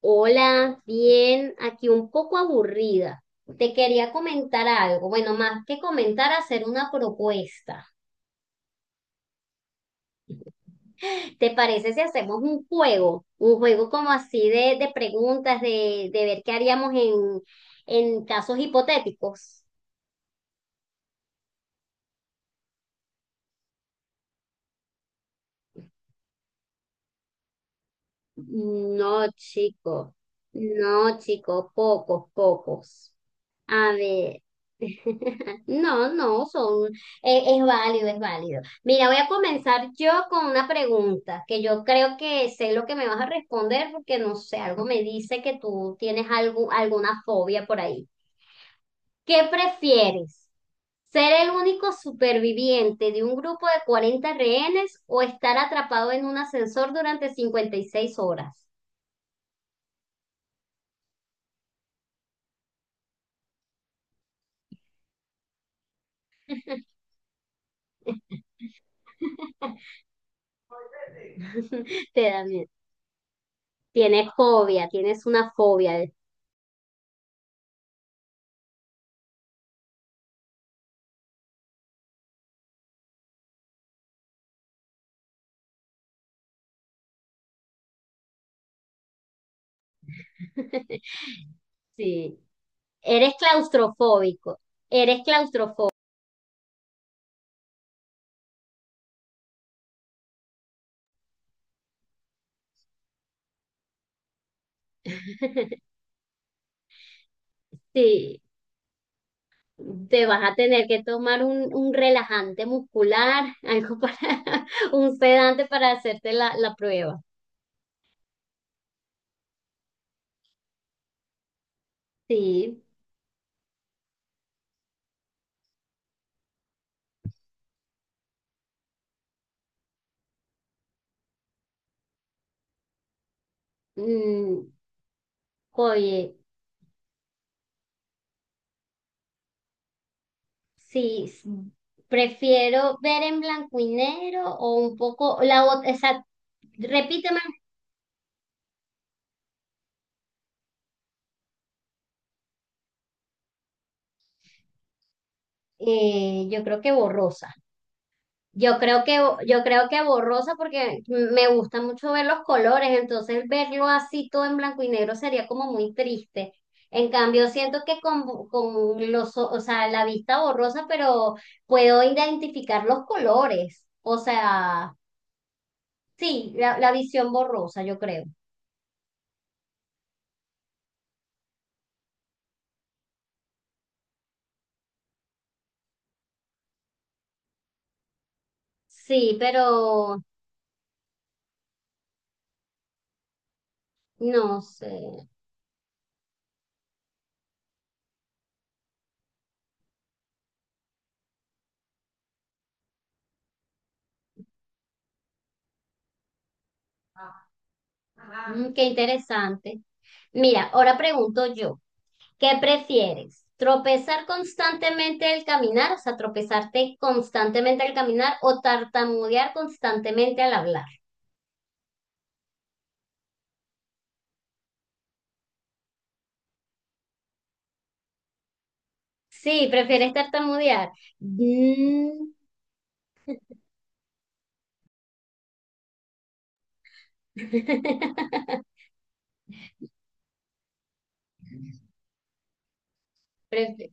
Hola, bien, aquí un poco aburrida. Te quería comentar algo, bueno, más que comentar, hacer una propuesta. ¿Te parece si hacemos un juego? Un juego como así de preguntas, de ver qué haríamos en casos hipotéticos. No, chico. No, chico. Pocos, pocos. A ver. No, no, son, es válido, es válido. Mira, voy a comenzar yo con una pregunta que yo creo que sé lo que me vas a responder porque no sé, algo me dice que tú tienes algo, alguna fobia por ahí. ¿Qué prefieres? ¿Ser el único superviviente de un grupo de 40 rehenes o estar atrapado en un ascensor durante 56 horas? Te da miedo. Tienes fobia, tienes una fobia. Sí. Eres claustrofóbico. Eres claustrofóbico. Sí. Te vas a tener que tomar un relajante muscular, algo para, un sedante para hacerte la prueba. Sí. Mm, oye, sí. Prefiero ver en blanco y negro o un poco, repíteme, yo creo que borrosa. Yo creo que, yo creo que borrosa porque me gusta mucho ver los colores, entonces verlo así todo en blanco y negro sería como muy triste. En cambio, siento que con o sea, la vista borrosa, pero puedo identificar los colores. O sea, sí, la visión borrosa, yo creo. Sí, pero no sé. Qué interesante. Mira, ahora pregunto yo, ¿qué prefieres? ¿Tropezar constantemente al caminar, o sea, tropezarte constantemente al caminar o tartamudear constantemente al hablar? Sí, prefieres tartamudear. Mm. Pref-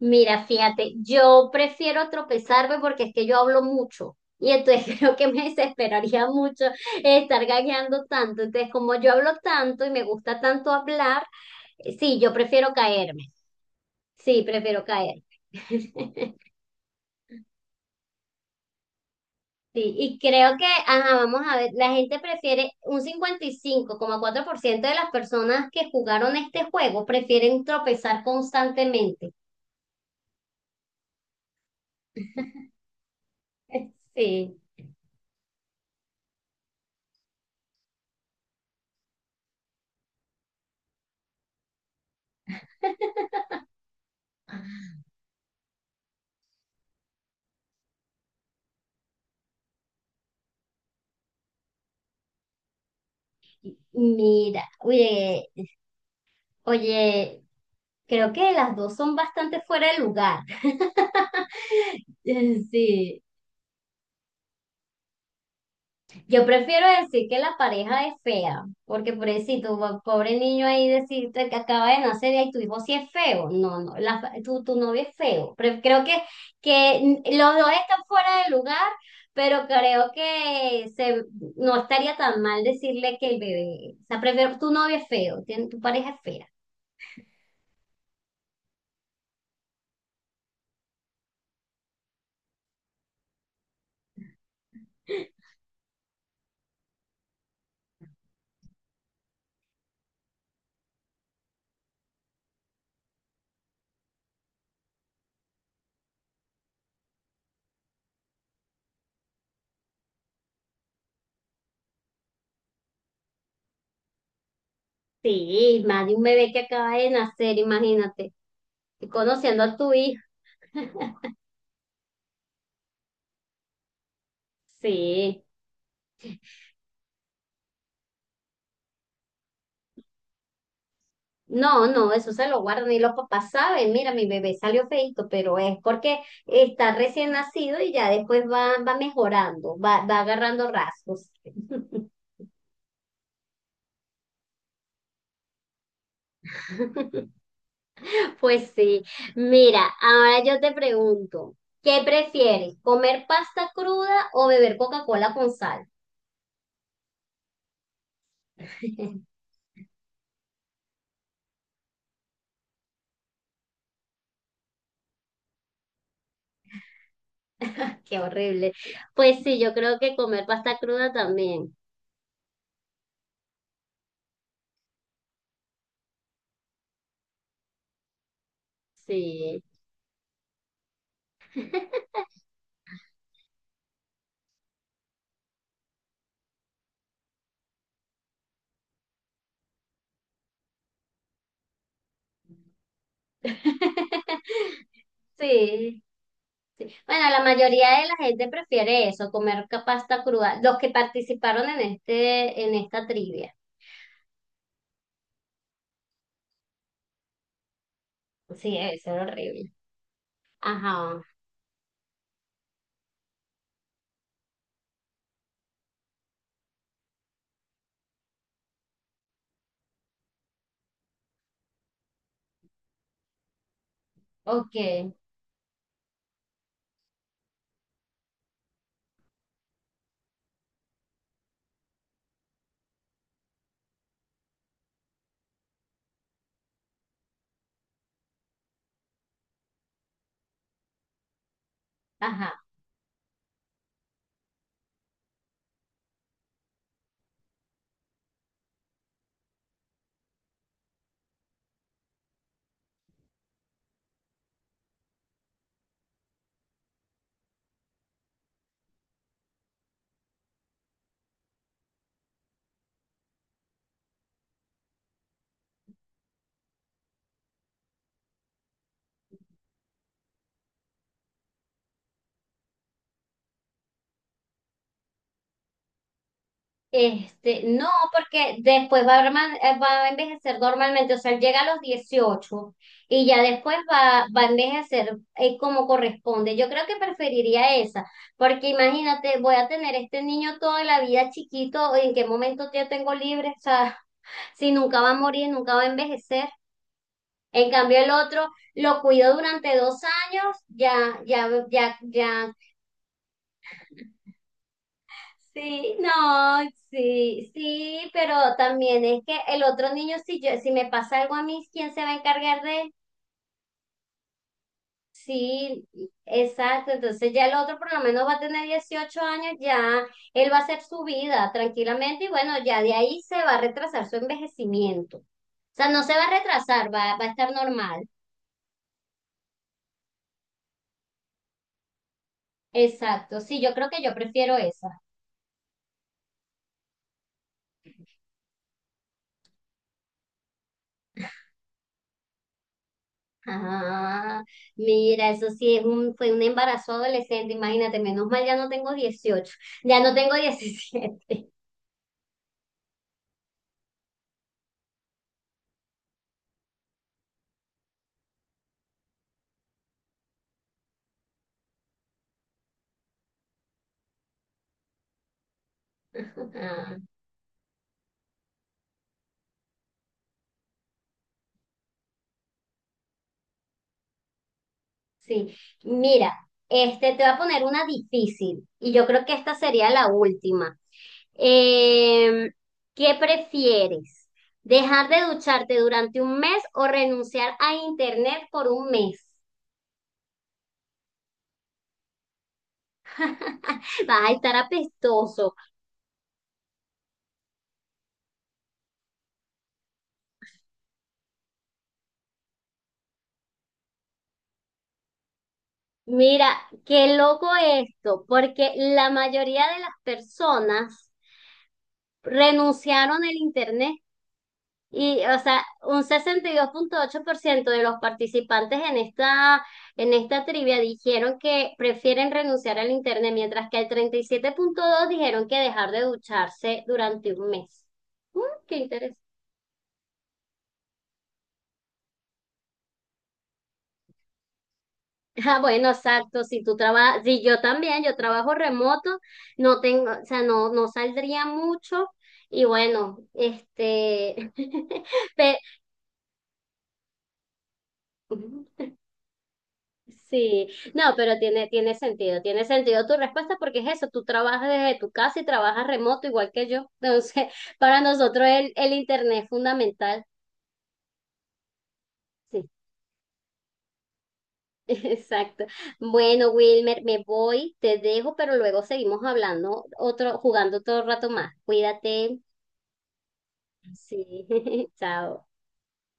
Mira, fíjate, yo prefiero tropezarme porque es que yo hablo mucho y entonces creo que me desesperaría mucho estar gagueando tanto. Entonces, como yo hablo tanto y me gusta tanto hablar, sí, yo prefiero caerme. Sí, prefiero caer. Sí, y creo que, ajá, vamos a ver, la gente prefiere un 55,4% de las personas que jugaron este juego prefieren tropezar constantemente. Sí. Mira, oye, oye. Creo que las dos son bastante fuera de lugar. Sí, yo prefiero decir que la pareja es fea, porque pobrecito, pobre niño ahí decirte que acaba de nacer y tu hijo sí es feo. No, no, tu novio es feo. Pero creo que los dos están fuera de lugar, pero creo que no estaría tan mal decirle que el bebé, o sea, prefiero tu novio es feo, tu pareja es fea. Sí, más de un bebé que acaba de nacer, imagínate. Y conociendo a tu hija. Sí. No, no, eso se lo guardan y los papás saben, mira, mi bebé salió feíto, pero es porque está recién nacido y ya después va, va mejorando, va agarrando rasgos. Pues sí, mira, ahora yo te pregunto, ¿qué prefieres, comer pasta cruda o beber Coca-Cola con sal? Qué horrible. Pues sí, yo creo que comer pasta cruda también. Sí. Sí. Bueno, la mayoría de la gente prefiere eso, comer pasta cruda. Los que participaron en esta trivia. Sí, eso era horrible. Ajá. Ok. Ajá. No, porque después va a envejecer normalmente, o sea, él llega a los 18 y ya después va, va a envejecer como corresponde. Yo creo que preferiría esa, porque imagínate, voy a tener este niño toda la vida chiquito, ¿en qué momento yo tengo libre? O sea, si nunca va a morir, nunca va a envejecer. En cambio, el otro lo cuido durante 2 años, ya, ya, ya, ya Sí, no, sí, sí, pero también es que el otro niño, si me pasa algo a mí, ¿quién se va a encargar de? Sí, exacto. Entonces ya el otro por lo menos va a tener 18 años, ya él va a hacer su vida tranquilamente y bueno, ya de ahí se va a retrasar su envejecimiento. O sea, no se va a retrasar, va a estar normal. Exacto. Sí, yo creo que yo prefiero eso. Ah, mira, eso sí es fue un embarazo adolescente, imagínate, menos mal ya no tengo 18, ya no tengo 17. Ah, sí, mira, te voy a poner una difícil y yo creo que esta sería la última. Eh, ¿qué prefieres? ¿Dejar de ducharte durante un mes o renunciar a internet por un mes? Vas a estar apestoso. Mira, qué loco esto, porque la mayoría de las personas renunciaron al internet y, o sea, un 62,8% de los participantes en esta trivia dijeron que prefieren renunciar al internet, mientras que el 37,2 dijeron que dejar de ducharse durante un mes. Mm, qué Ah, bueno, exacto. Si tú trabajas, si yo también, yo trabajo remoto, no tengo, o sea, no, no saldría mucho. Y bueno, pe- sí, no, pero tiene sentido, tiene sentido tu respuesta porque es eso, tú trabajas desde tu casa y trabajas remoto igual que yo. Entonces, para nosotros el internet es fundamental. Sí, exacto. Bueno, Wilmer, me voy, te dejo, pero luego seguimos hablando otro, jugando todo el rato más. Cuídate. Sí, chao.